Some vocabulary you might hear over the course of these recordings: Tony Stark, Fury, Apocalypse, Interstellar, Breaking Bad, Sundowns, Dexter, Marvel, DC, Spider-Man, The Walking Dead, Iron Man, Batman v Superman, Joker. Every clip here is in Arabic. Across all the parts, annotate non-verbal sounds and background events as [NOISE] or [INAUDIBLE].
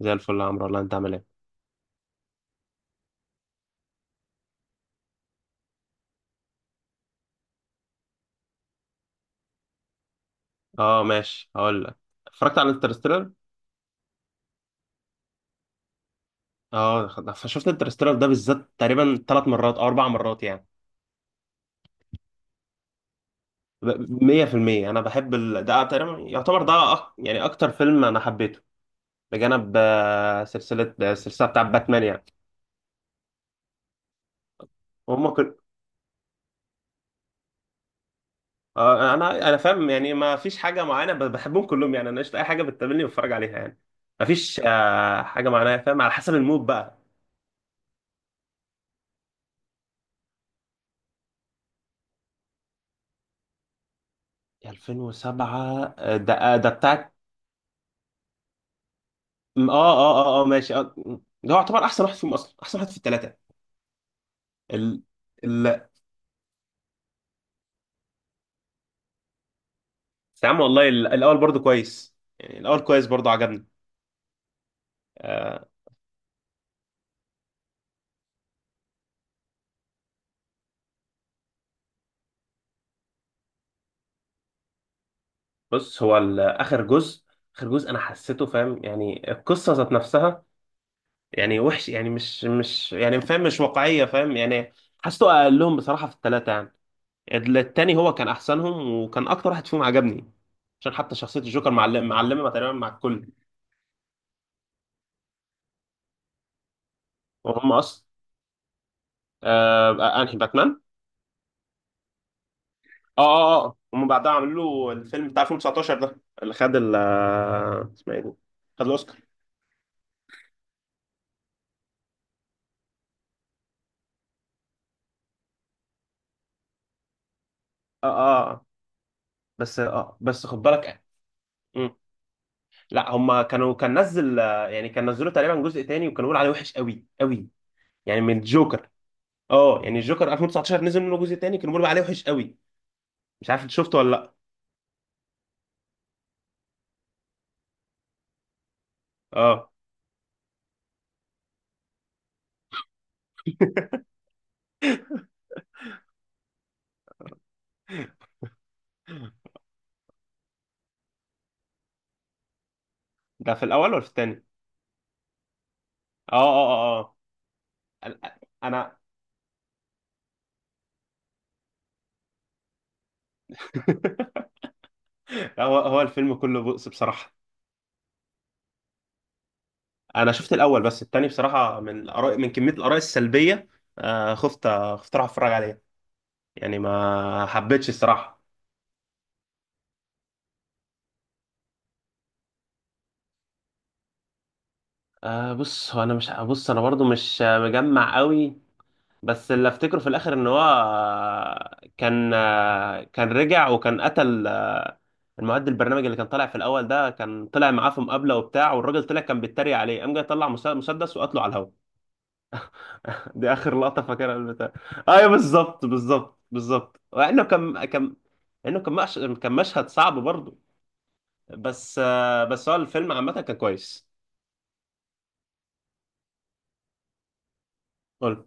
زي الفل يا عمرو والله انت عامل ايه؟ اه ماشي، هقول لك. اتفرجت على انترستيلر. اه، شفت انترستيلر ده بالذات تقريبا ثلاث مرات او اربع مرات يعني. 100% انا بحب ده تقريبا يعتبر ده يعني اكتر فيلم انا حبيته، بجانب سلسله آه، السلسله بتاع باتمان يعني. هم كل آه، انا فاهم يعني، ما فيش حاجه معينه، بحبهم كلهم يعني. انا قشطه اي حاجه بتقابلني بتفرج عليها يعني. ما فيش حاجه معينه، فاهم؟ على حسب المود بقى. 2007 ده بتاع اه، اه، اه، اه، ماشي. ده هو يعتبر احسن واحد فيهم، اصلا احسن واحد في الثلاثه. ال... ال... بس يا عم والله الاول برضو كويس يعني. الاول كويس برضو، عجبني. آه بص، هو اخر جزء، اخر جزء انا حسيته فاهم يعني، القصه ذات نفسها يعني وحش يعني، مش يعني، فاهم مش واقعيه، فاهم يعني. حسيته اقلهم بصراحه في الثلاثه يعني. التاني هو كان احسنهم وكان اكتر واحد فيهم عجبني، عشان حتى شخصيه الجوكر معلمه، معلمه تقريبا مع الكل. وهم اصلا آه انهي باتمان؟ اه، اه، اه، هم بعدها عملوا له الفيلم بتاع 2019 ده اللي خد ال اسمها ايه دي؟ خد الاوسكار. اه، اه. بس خد بالك. مم. لا، هم كانوا، كان نزل آه، يعني كان نزلوا تقريبا جزء تاني، وكانوا بيقولوا عليه وحش قوي قوي، يعني من الجوكر. اه، يعني الجوكر 2019 نزل منه جزء تاني، كانوا بيقولوا عليه وحش قوي. مش عارف انت شفته ولا لا. اه [LAUGHS] ده في الاول ولا في التاني؟ اه، اه، اه، اه. انا [LAUGHS] هو الفيلم كله بؤس بصراحة. انا شفت الاول، بس التاني بصراحه من الاراء، من كميه الاراء السلبيه، خفت اروح اتفرج عليه، يعني ما حبيتش الصراحه. بص، هو انا برضو مش مجمع قوي، بس اللي افتكره في الاخر ان هو، كان رجع وكان قتل البرنامج اللي كان طالع في الاول ده، كان طلع معاه في مقابله وبتاع، والراجل طلع كان بيتريق عليه، قام جاي طلع مسدس وقتله على الهوا. [LAUGHS] دي اخر لقطه فاكرها من البتاع. ايوه، بالظبط، بالظبط، بالظبط، لانه كان كان لانه كان مش... كان مشهد صعب برضه. بس هو الفيلم عامه كان كويس. قول.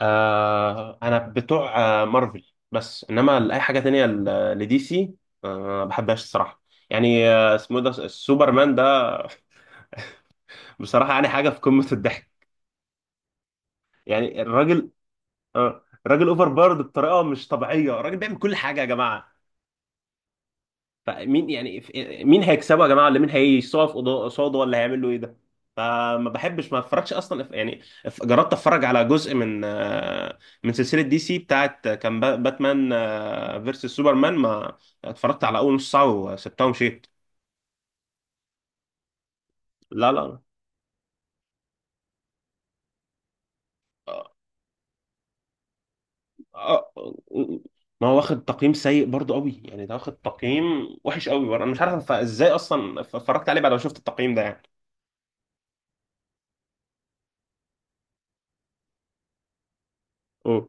انا بتوع مارفل، بس انما لاي حاجه تانية لدي سي، آه ما بحبهاش الصراحه. يعني اسمه إيه ده، السوبرمان ده؟ بصراحه يعني حاجه في قمه الضحك. يعني الراجل، الراجل اوفر بارد بطريقه مش طبيعيه، الراجل بيعمل كل حاجه يا جماعه، فمين يعني، مين هيكسبه يا جماعه؟ ولا مين هيقف قصاده؟ ولا هيعمل له ايه ده؟ فما بحبش، ما اتفرجش اصلا، جربت اتفرج على جزء من من سلسله دي سي بتاعت، باتمان فيرسس سوبرمان، ما اتفرجت على اول نص ساعه وسبتها ومشيت. لا، لا، لا. آه، آه، ما هو واخد تقييم سيء برضو قوي يعني، ده واخد تقييم وحش قوي برضه. انا مش عارف ازاي اصلا اتفرجت عليه بعد ما شفت التقييم ده يعني. أوه.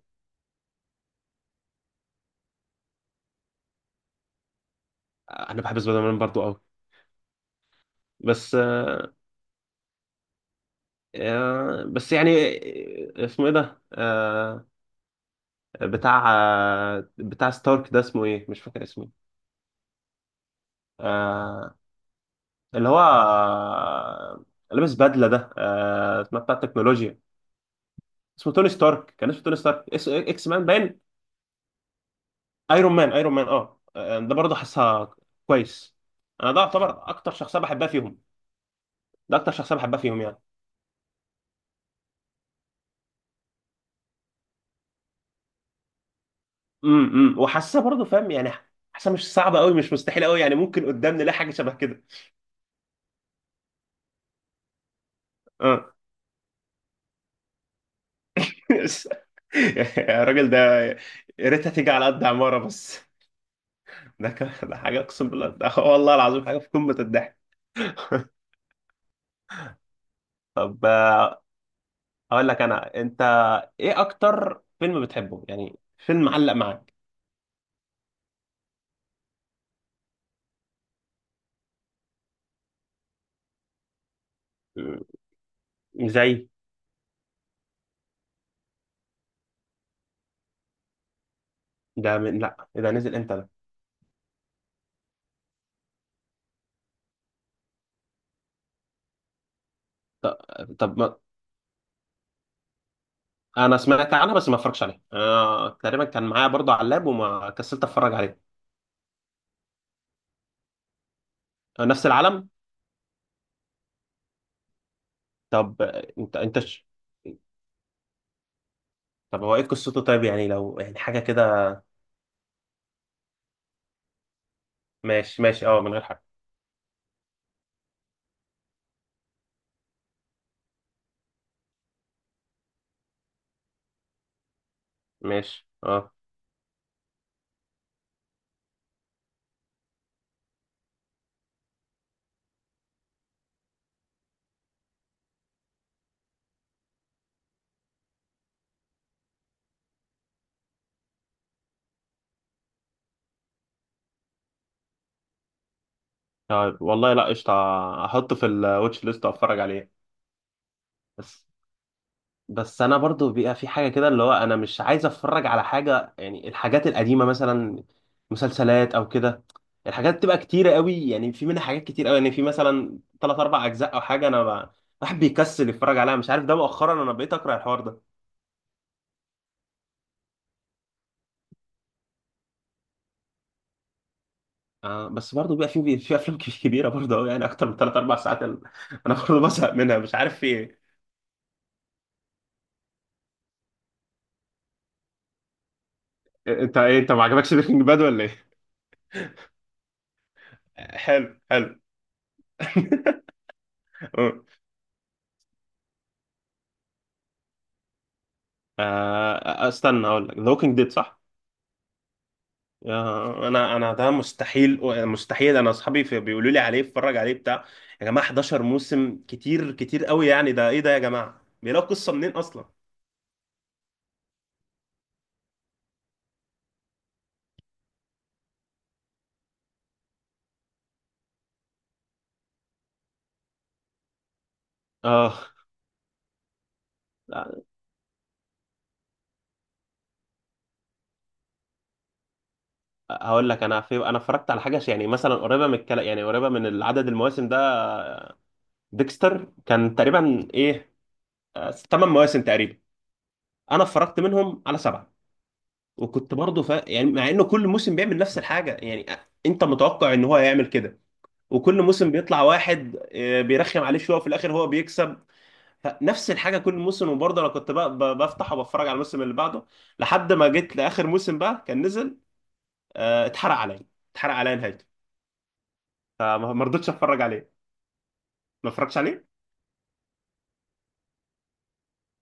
انا بحب سبايدر مان برضو قوي. بس آه، بس يعني اسمه ايه ده، بتاع ستارك ده؟ اسمه ايه؟ مش فاكر اسمه. آه، اللي هو آه، لابس بدله ده، اسمها بتاع التكنولوجيا. اسمه توني ستارك، كان اسمه توني ستارك اس اكس مان باين. ايرون مان، ايرون مان، اه، ده برضه حاسها كويس. انا ده يعتبر اكتر شخصيه بحبها فيهم، ده اكتر شخصيه بحبها فيهم يعني. امم، وحاسسها برضه، فاهم يعني، حاسسها مش صعبه قوي، مش مستحيله قوي، يعني ممكن قدام نلاقي حاجه شبه كده. اه، الراجل ده يا ريتها تيجي على قد عمارة بس. ده كان ده حاجة، أقسم بالله ده، والله العظيم حاجة في قمة الضحك. [LAUGHS] طب أقول لك أنا. إيه أكتر فيلم بتحبه، يعني فيلم معلق معاك؟ م- زي، ده من، لا إيه ده، نزل إمتى ده؟ طب ما... أنا سمعت عنها بس ما اتفرجش عليها. أنا تقريبا كان معايا برضه على اللاب وما كسلت أتفرج عليه. نفس العالم. طب أنت طب هو إيه قصته طيب، يعني لو يعني حاجة كده؟ ماشي، ماشي، أه، من غير حاجة. ماشي، اه. طيب والله، لا قشطة، احطه في الواتش ليست واتفرج عليه. بس بس انا برضو بيبقى في حاجة كده اللي هو، انا مش عايز اتفرج على حاجة يعني، الحاجات القديمة مثلا، مسلسلات او كده، الحاجات بتبقى كتيرة قوي يعني، في منها حاجات كتير قوي يعني، في مثلا ثلاث اربع اجزاء او حاجة، الواحد بيكسل يتفرج عليها. مش عارف، ده مؤخرا انا بقيت اكره الحوار ده. بس برضه بيبقى في افلام [LAUGHS] كبيره برضه قوي، يعني اكتر من ثلاث اربع ساعات، انا برضه بزهق منها. مش عارف في ايه. انت ما عجبكش بريكنج باد ولا ايه؟ حلو، حلو. [LAUGHS] استنى اقول لك، ذا ووكينج ديد، صح؟ انا ده مستحيل، مستحيل. انا اصحابي بيقولوا لي عليه اتفرج عليه بتاع يا جماعه 11 موسم، كتير، كتير قوي يعني. ده ايه ده يا جماعه؟ بيلاقوا قصه منين اصلا؟ اه، لا، هقول لك. انا اتفرجت على حاجه يعني مثلا قريبه من الكلام، يعني قريبه من عدد المواسم ده. ديكستر، كان تقريبا ايه، 8 مواسم تقريبا. انا اتفرجت منهم على سبعه، وكنت برضه يعني، مع انه كل موسم بيعمل نفس الحاجه يعني، انت متوقع ان هو هيعمل كده، وكل موسم بيطلع واحد بيرخم عليه شويه، وفي الاخر هو بيكسب. فنفس الحاجه كل موسم، وبرضه انا كنت بقى، بفتح وبتفرج على الموسم اللي بعده، لحد ما جيت لاخر موسم بقى كان نزل، اتحرق عليا، اتحرق عليا نهايته، فما ما رضيتش اتفرج عليه. ما اتفرجش عليه.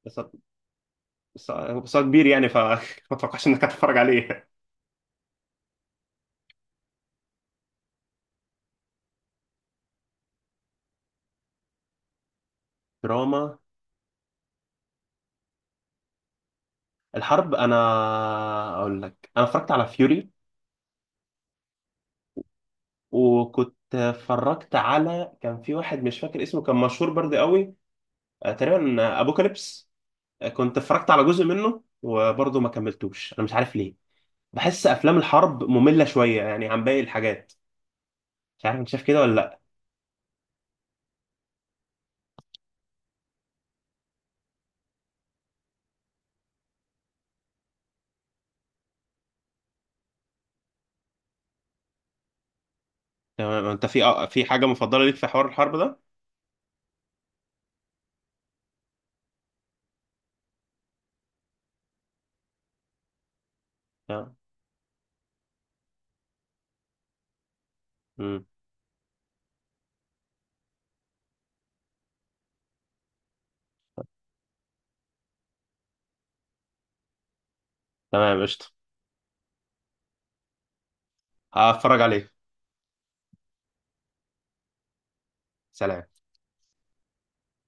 بس بس هو كبير يعني، فما [LAUGHS] اتوقعش انك هتتفرج عليه. دراما. الحرب، انا اقول لك، انا اتفرجت على فيوري. وكنت اتفرجت على، كان في واحد مش فاكر اسمه، كان مشهور برضه قوي، تقريبا ابوكاليبس. كنت اتفرجت على جزء منه وبرضه ما كملتوش، انا مش عارف ليه. بحس افلام الحرب مملة شوية يعني عن باقي الحاجات. مش عارف انت شايف كده ولا لا. تمام. انت في في حاجة مفضلة ليك في حوار الحرب ده؟ تمام. مم. تمام، قشطة. هتفرج عليه. سلام.